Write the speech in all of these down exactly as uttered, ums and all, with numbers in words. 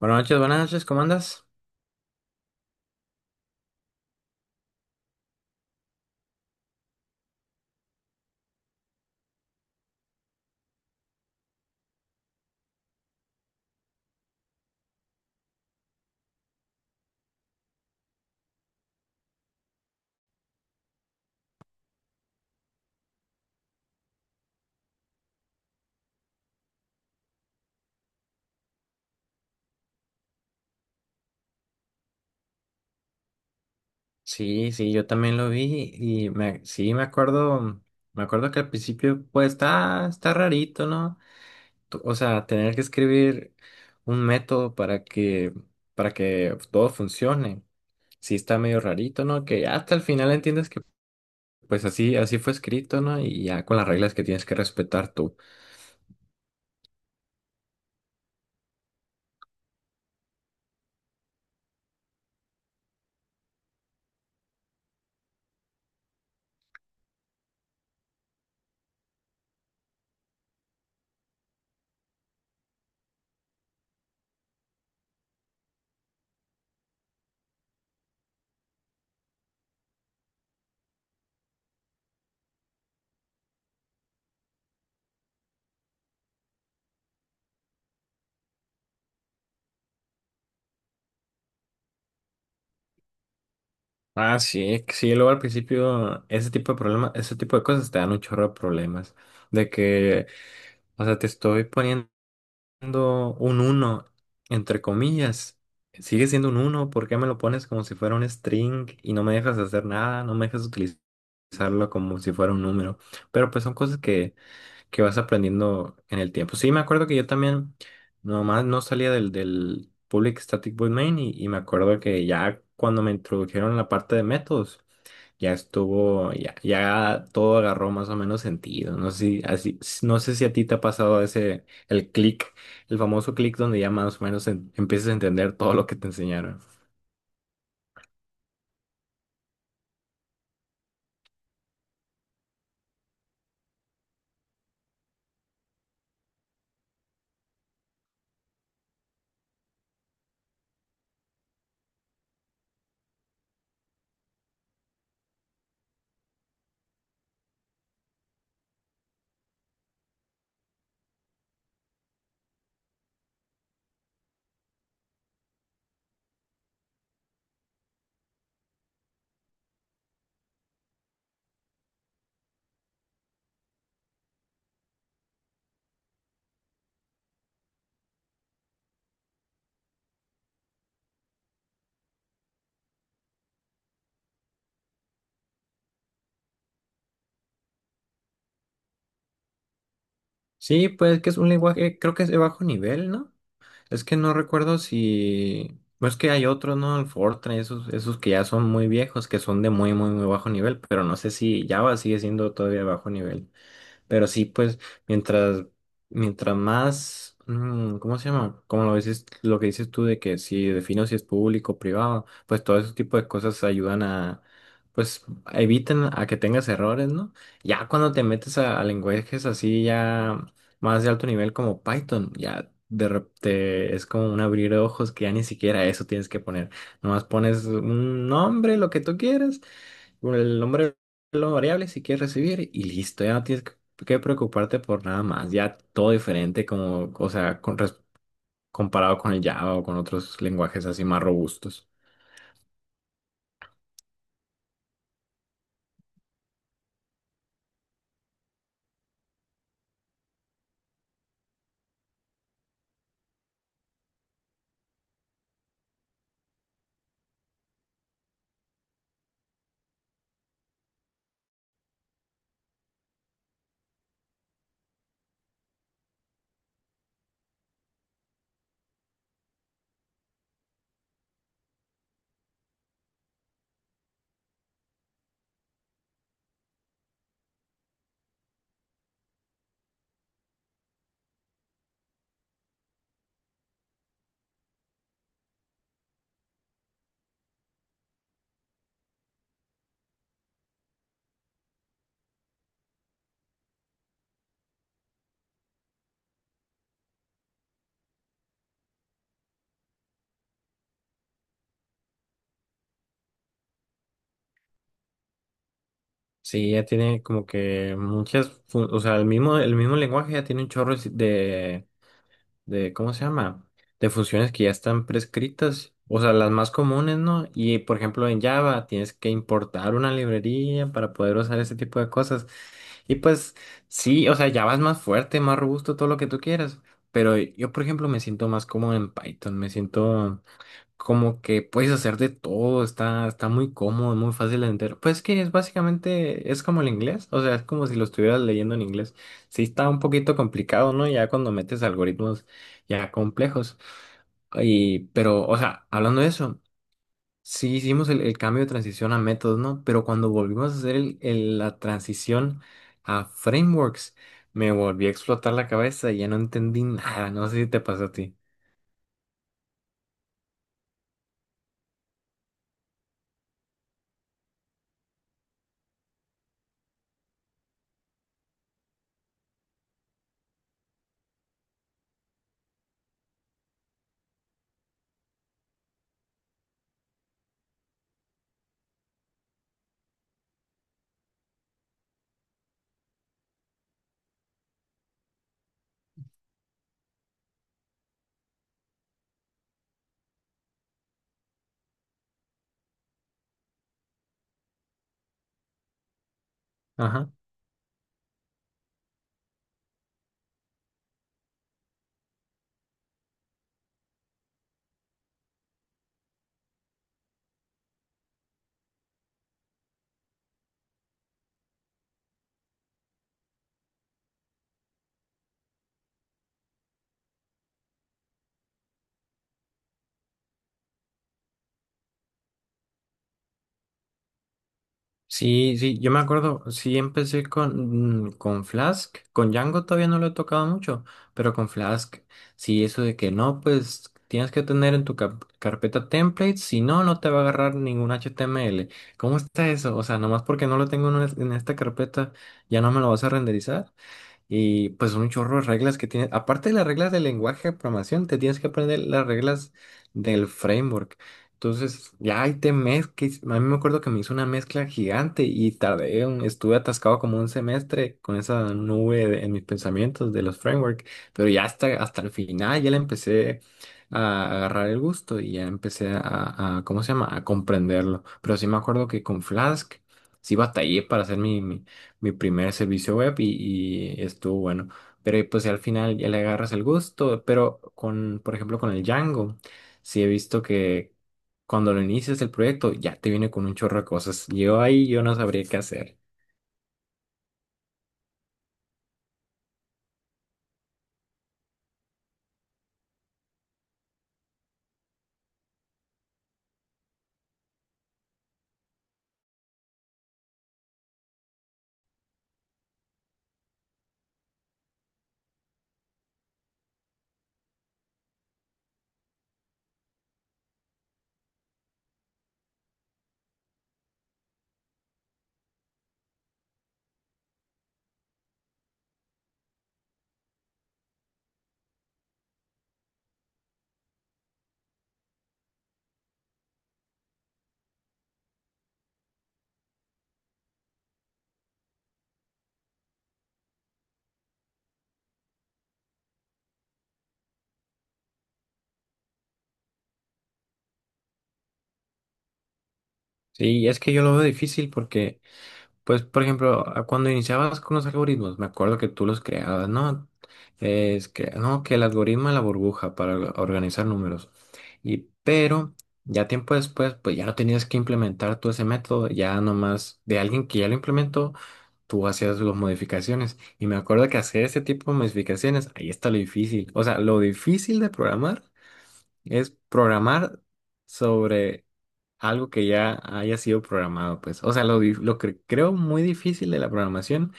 Buenas noches, buenas noches, ¿cómo andas? Sí, sí, yo también lo vi y me, sí, me acuerdo, me acuerdo que al principio, pues, está, está rarito, ¿no? Tú- O sea, tener que escribir un método para que, para que todo funcione, sí está medio rarito, ¿no? Que ya hasta el final entiendes que, pues, así, así fue escrito, ¿no? Y ya con las reglas que tienes que respetar tú. Ah, sí, que sí, luego al principio, ese tipo de problemas, ese tipo de cosas te dan un chorro de problemas, de que... O sea, te estoy poniendo siendo un uno entre comillas. Sigue siendo un uno, ¿por qué me lo pones como si fuera un string y no me dejas hacer nada? No me dejas utilizarlo como si fuera un número. Pero pues son cosas que, que vas aprendiendo en el tiempo. Sí, me acuerdo que yo también nomás no salía del, del Public Static Void Main y, y me acuerdo que ya cuando me introdujeron la parte de métodos ya estuvo, ya, ya todo agarró más o menos sentido. No sé si, así, no sé si a ti te ha pasado ese, el clic, el famoso clic donde ya más o menos en- empiezas a entender todo lo que te enseñaron. Sí, pues que es un lenguaje, creo que es de bajo nivel, ¿no? Es que no recuerdo si, no es que hay otros, ¿no? El Fortran, esos, esos que ya son muy viejos, que son de muy, muy, muy bajo nivel, pero no sé si Java sigue siendo todavía de bajo nivel. Pero sí, pues, mientras, mientras más, mm, ¿cómo se llama? Como lo dices, lo que dices tú de que si defino si es público o privado, pues todo ese tipo de cosas ayudan a, pues, evitan a que tengas errores, ¿no? Ya cuando te metes a, a lenguajes así ya más de alto nivel como Python, ya de repente es como un abrir ojos que ya ni siquiera eso tienes que poner. Nomás pones un nombre, lo que tú quieres, el nombre de la variable si quieres recibir y listo, ya no tienes que que preocuparte por nada más, ya todo diferente, como, o sea, con res- comparado con el Java o con otros lenguajes así más robustos. Sí, ya tiene como que muchas, fu- o sea, el mismo, el mismo lenguaje ya tiene un chorro de de, ¿cómo se llama? De funciones que ya están prescritas, o sea, las más comunes, ¿no? Y por ejemplo, en Java tienes que importar una librería para poder usar ese tipo de cosas. Y pues sí, o sea, Java es más fuerte, más robusto, todo lo que tú quieras. Pero yo, por ejemplo, me siento más cómodo en Python, me siento como que puedes hacer de todo, está, está muy cómodo, muy fácil de entender. Pues que es básicamente, es como el inglés, o sea, es como si lo estuvieras leyendo en inglés. Sí está un poquito complicado, ¿no? Ya cuando metes algoritmos ya complejos. Y, pero, o sea, hablando de eso, sí hicimos el, el cambio de transición a métodos, ¿no? Pero cuando volvimos a hacer el- el- la transición a frameworks, me volví a explotar la cabeza y ya no entendí nada, no sé si te pasó a ti. Sí, sí, yo me acuerdo, sí empecé con, mm, con Flask, con Django todavía no lo he tocado mucho, pero con Flask, sí, eso de que no, pues tienes que tener en tu cap- carpeta templates, si no, no te va a agarrar ningún H T M L. ¿Cómo está eso? O sea, nomás porque no lo tengo en, es- en esta carpeta, ¿ya no me lo vas a renderizar? Y pues un chorro de reglas que tienes. Aparte de las reglas del lenguaje de programación, te tienes que aprender las reglas del framework. Entonces, ya ahí te mezclas. A mí me acuerdo que me hizo una mezcla gigante y tardé, un- estuve atascado como un semestre con esa nube de- en mis pensamientos de los frameworks. Pero ya hasta, hasta el final ya le empecé a agarrar el gusto y ya empecé a, a- ¿cómo se llama? A comprenderlo. Pero sí me acuerdo que con Flask sí batallé para hacer mi, mi mi primer servicio web y, y estuvo bueno. Pero pues al final ya le agarras el gusto, pero con, por ejemplo, con el Django, sí he visto que cuando lo inicias el proyecto ya te viene con un chorro de cosas. Yo ahí yo no sabría qué hacer. Sí, es que yo lo veo difícil porque pues, por ejemplo, a- cuando iniciabas con los algoritmos, me acuerdo que tú los creabas, ¿no? Es que, no, que el algoritmo de la burbuja para or- organizar números. Y, pero, ya tiempo después, pues ya no tenías que implementar tú ese método, ya nomás de alguien que ya lo implementó, tú hacías las modificaciones. Y me acuerdo que hacer ese tipo de modificaciones, ahí está lo difícil. O sea, lo difícil de programar es programar sobre algo que ya haya sido programado, pues. O sea, lo, di- lo que creo muy difícil de la programación.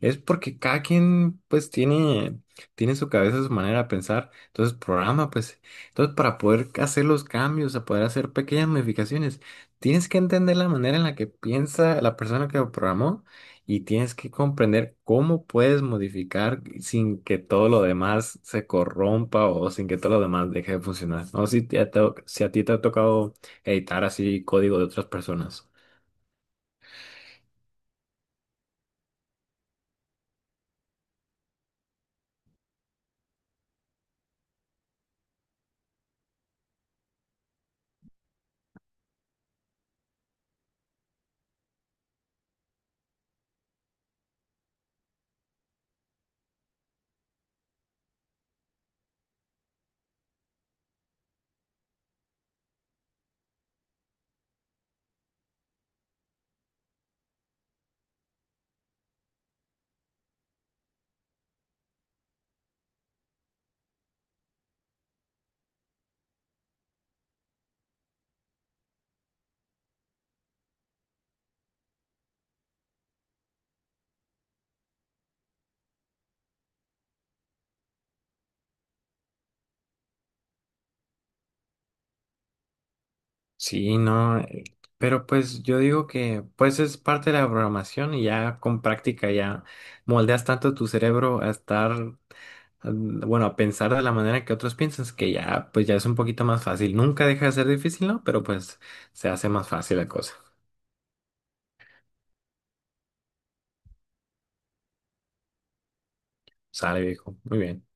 Es porque cada quien pues tiene, tiene su cabeza, su manera de pensar, entonces programa pues. Entonces para poder hacer los cambios, a poder hacer pequeñas modificaciones, tienes que entender la manera en la que piensa la persona que lo programó y tienes que comprender cómo puedes modificar sin que todo lo demás se corrompa o sin que todo lo demás deje de funcionar. No sé si, te ha to- si a ti te ha tocado editar así código de otras personas. Sí, no, eh, pero pues yo digo que pues es parte de la programación y ya con práctica ya moldeas tanto tu cerebro a estar, mm, bueno, a pensar de la manera que otros piensan, que ya pues ya es un poquito más fácil. Nunca deja de ser difícil, ¿no? Pero pues se hace más fácil la cosa. Sale, viejo. Muy bien.